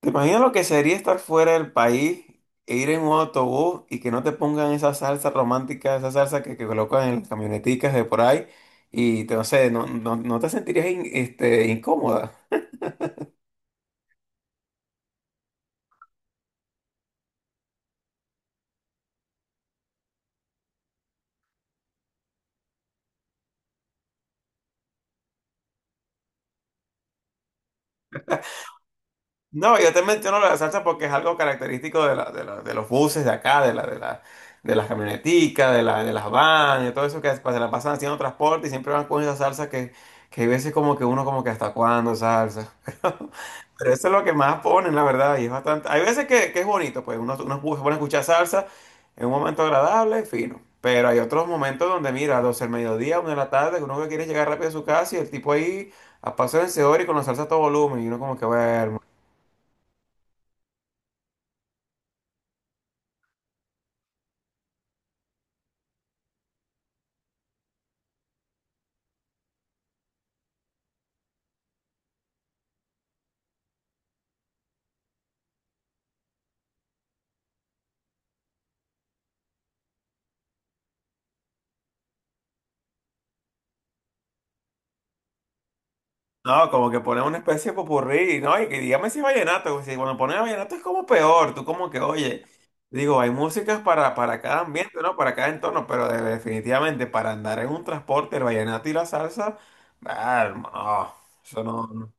¿Te imaginas lo que sería estar fuera del país e ir en un autobús y que no te pongan esa salsa romántica, esa salsa que colocan en las camioneticas de por ahí? Y no sé, no te sentirías incómoda. No, yo te menciono la salsa porque es algo característico de los buses de acá, de las camioneticas, de las vans, de todo eso que se la pasan haciendo transporte y siempre van con esa salsa que hay veces como que uno como que hasta cuándo salsa. Pero eso es lo que más ponen, la verdad, y es bastante. Hay veces que es bonito, pues se pone a escuchar salsa en un momento agradable, fino. Pero hay otros momentos donde, mira, 12 del mediodía, 1 de la tarde, que uno que quiere llegar rápido a su casa y el tipo ahí a paso vencedor y con la salsa a todo volumen. Y uno como que, bueno. No, como que ponen una especie de popurrí, ¿no? Y que dígame si es vallenato, porque si cuando ponen vallenato es como peor, tú como que, oye, digo, hay músicas para cada ambiente, ¿no? Para cada entorno, pero definitivamente para andar en un transporte, el vallenato y la salsa, ah, hermano, oh, eso no. No.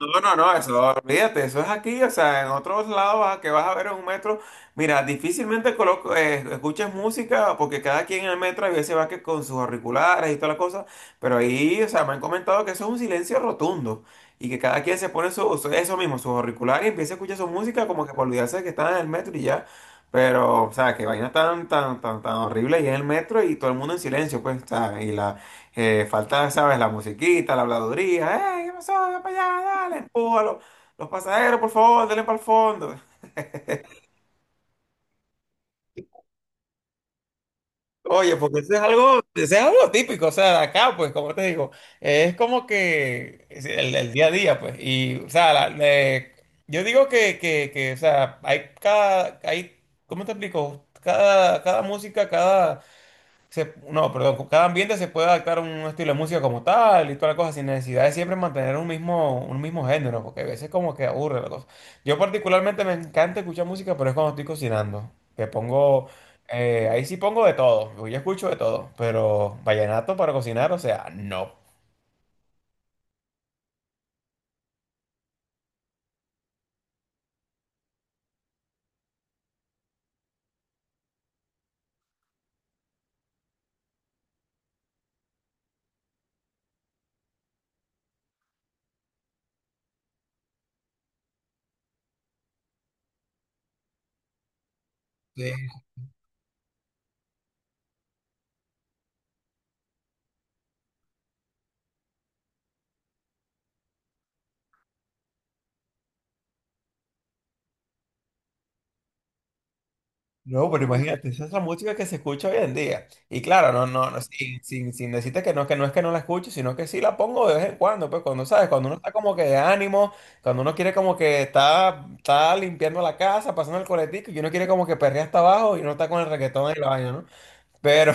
No, no, no, eso, olvídate, eso es aquí, o sea, en otros lados a que vas a ver en un metro, mira, difícilmente coloco, escuchas música porque cada quien en el metro a veces va que con sus auriculares y toda la cosa, pero ahí, o sea, me han comentado que eso es un silencio rotundo y que cada quien se pone eso mismo, sus auriculares y empieza a escuchar su música como que para olvidarse de que están en el metro y ya, pero, o sea, que vaina tan horrible y en el metro y todo el mundo en silencio, pues, o sea, y la falta, ¿sabes? La musiquita, la habladuría. ¡Eh, qué pasó! ¡Ven para allá! ¡Dale! ¡Empújalo! Los pasajeros, por favor, denle para el fondo. Oye, porque eso es algo típico, o sea, de acá, pues, como te digo, es como que es el día a día, pues, y, o sea, yo digo o sea, hay, ¿cómo te explico? Cada música, cada se- no, perdón, con cada ambiente se puede adaptar a un estilo de música como tal y toda la cosa, sin necesidad de siempre mantener un mismo género, porque a veces como que aburre la cosa. Yo particularmente me encanta escuchar música, pero es cuando estoy cocinando, que pongo, ahí sí pongo de todo, yo escucho de todo, pero vallenato para cocinar, o sea, no. No, pero imagínate, esa es la música que se escucha hoy en día. Y claro, no, sin decirte que no es que no la escucho, sino que sí la pongo de vez en cuando, pues cuando sabes, cuando uno está como que de ánimo, cuando uno quiere como que está limpiando la casa, pasando el coletico, y uno quiere como que perrea hasta abajo y uno está con el reggaetón en el baño, ¿no? Pero,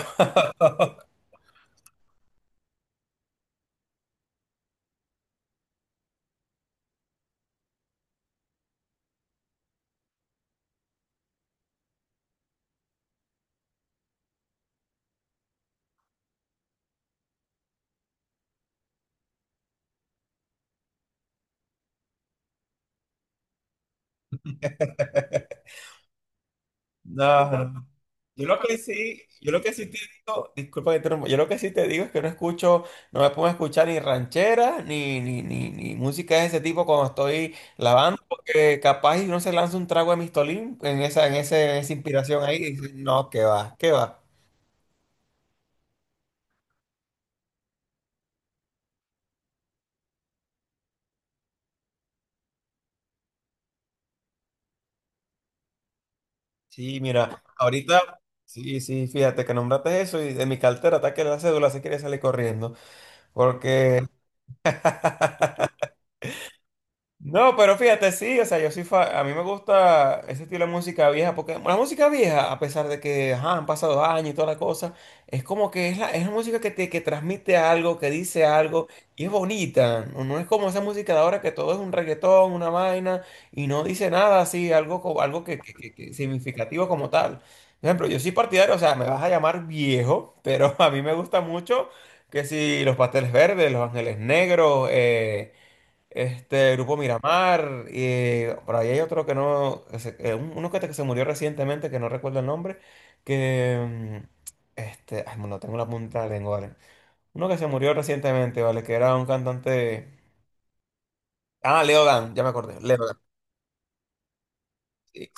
no, no. Yo lo que sí, disculpa que te interrumpa, yo lo que sí te digo es que no escucho, no me pongo a escuchar ni rancheras, ni música de ese tipo cuando estoy lavando, porque capaz y uno se lanza un trago de Mistolín en esa, en esa inspiración ahí, y dice, no, qué va, qué va. Sí, mira, ahorita, sí, sí, fíjate que nombraste eso y de mi cartera está que la cédula se quiere salir corriendo, porque… No, pero fíjate, sí, o sea, yo sí, a mí me gusta ese estilo de música vieja, porque la música vieja, a pesar de que ajá, han pasado años y toda la cosa, es como que es la música que transmite algo, que dice algo, y es bonita, no, no es como esa música de ahora que todo es un reggaetón, una vaina, y no dice nada así, algo, algo que, que significativo como tal. Por ejemplo, yo soy partidario, o sea, me vas a llamar viejo, pero a mí me gusta mucho que si los pasteles verdes, los ángeles negros, este Grupo Miramar, y por ahí hay otro que no, uno que se murió recientemente, que no recuerdo el nombre, que, mm, ay, no tengo la punta de la lengua, ¿vale? Uno que se murió recientemente, ¿vale? Que era un cantante, ah, Leo Dan, ya me acordé, Leo Dan, sí,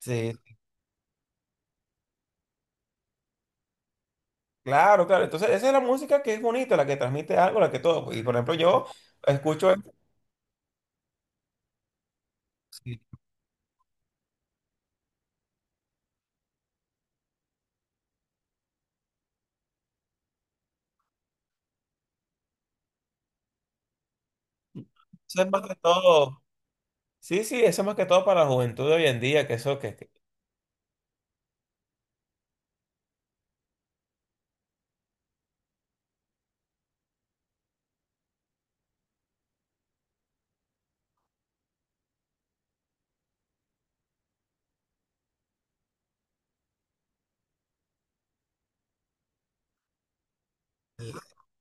sí, claro, claro, entonces esa es la música que es bonita, la que transmite algo, la que todo, pues, y por ejemplo yo escucho, eso sí, eso es más que todo, sí, sí, eso es más que todo para la juventud de hoy en día, que eso, que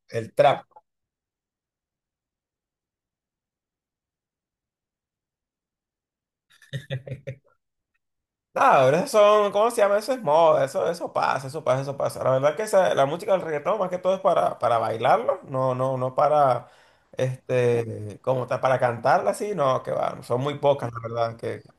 el trap. Ah, pero son, ¿cómo se llama? Eso es moda, eso pasa, eso pasa. La verdad que la música del reggaetón más que todo es para bailarlo, no para, como tal, para cantarla así, no, que va, son muy pocas, la verdad,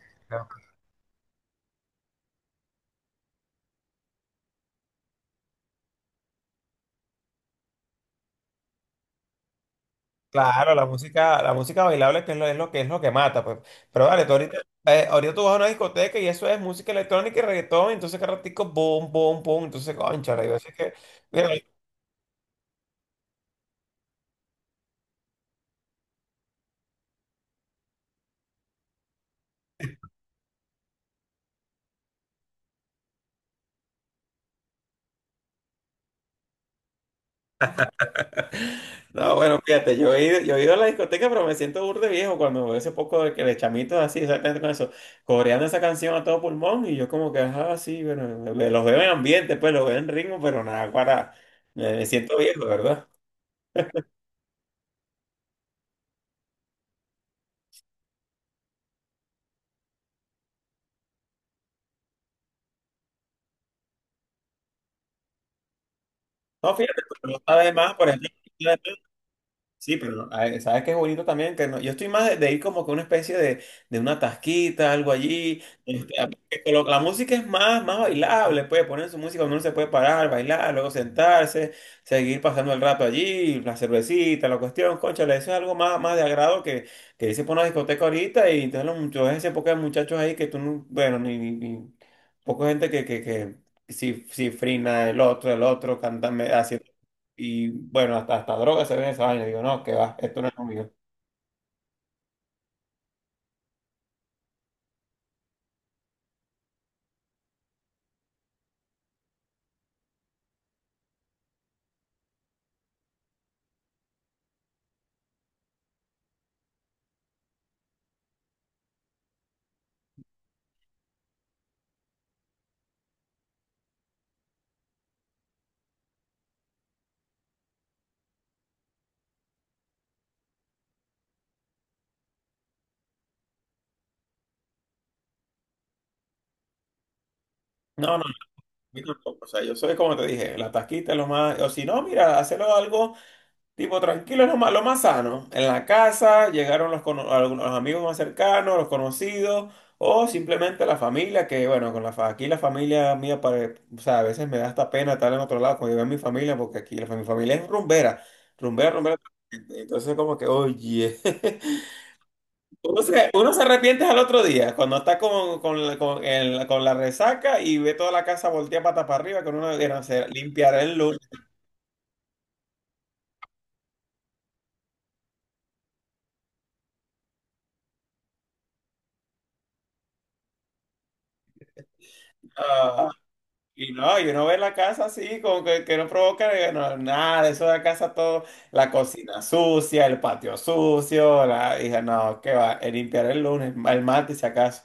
claro, la música bailable que es lo que mata, pues. Pero vale, tú ahorita, ahorita tú vas a una discoteca y eso es música electrónica y reggaetón, entonces cada ratico, boom, boom, boom, entonces, concha, yo sé que, mira… No, bueno, fíjate, yo he ido a la discoteca, pero me siento burde viejo cuando veo ese poco de, que de chamitos así, exactamente con eso, coreando esa canción a todo pulmón, y yo como que, ajá, sí, bueno, los veo en ambiente, pues los veo en ritmo, pero nada, para, me siento viejo, ¿verdad? No, fíjate, pero no sabes más, por ejemplo… Sí, pero ay, sabes qué es bonito también que no- yo estoy más de ir como que una especie de una tasquita, algo allí. La música es más, más bailable, puede poner su música, uno se puede parar, bailar, luego sentarse, seguir pasando el rato allí, la cervecita, la cuestión, cónchale, eso es algo más, más de agrado que irse por una discoteca ahorita y entonces los muchachos, ese poco de muchachos ahí que tú, poca gente que si, si frina el otro, cantando, y bueno, hasta droga se ve esa vaina. Digo, no, que va, esto no es lo mío. No, no, yo tampoco. O sea, yo soy como te dije, la tasquita es lo más. O si no, mira, hacerlo algo tipo tranquilo, es lo más sano. En la casa llegaron algunos los amigos más cercanos, los conocidos, o simplemente la familia, que bueno, con aquí la familia mía, o sea, a veces me da hasta pena estar en otro lado cuando yo veo a mi familia, porque aquí mi familia es rumbera, rumbera, rumbera. Entonces, como que, oye. Uno se arrepiente al otro día, cuando está con la resaca y ve toda la casa volteada pata para arriba, que uno quiere hacer, limpiar el lunes. Ah, y no, y uno ve la casa así, como que no provoca no, nada, de eso de la casa todo, la cocina sucia, el patio sucio, la, dije, no, qué va, limpiar el lunes, el martes si acaso.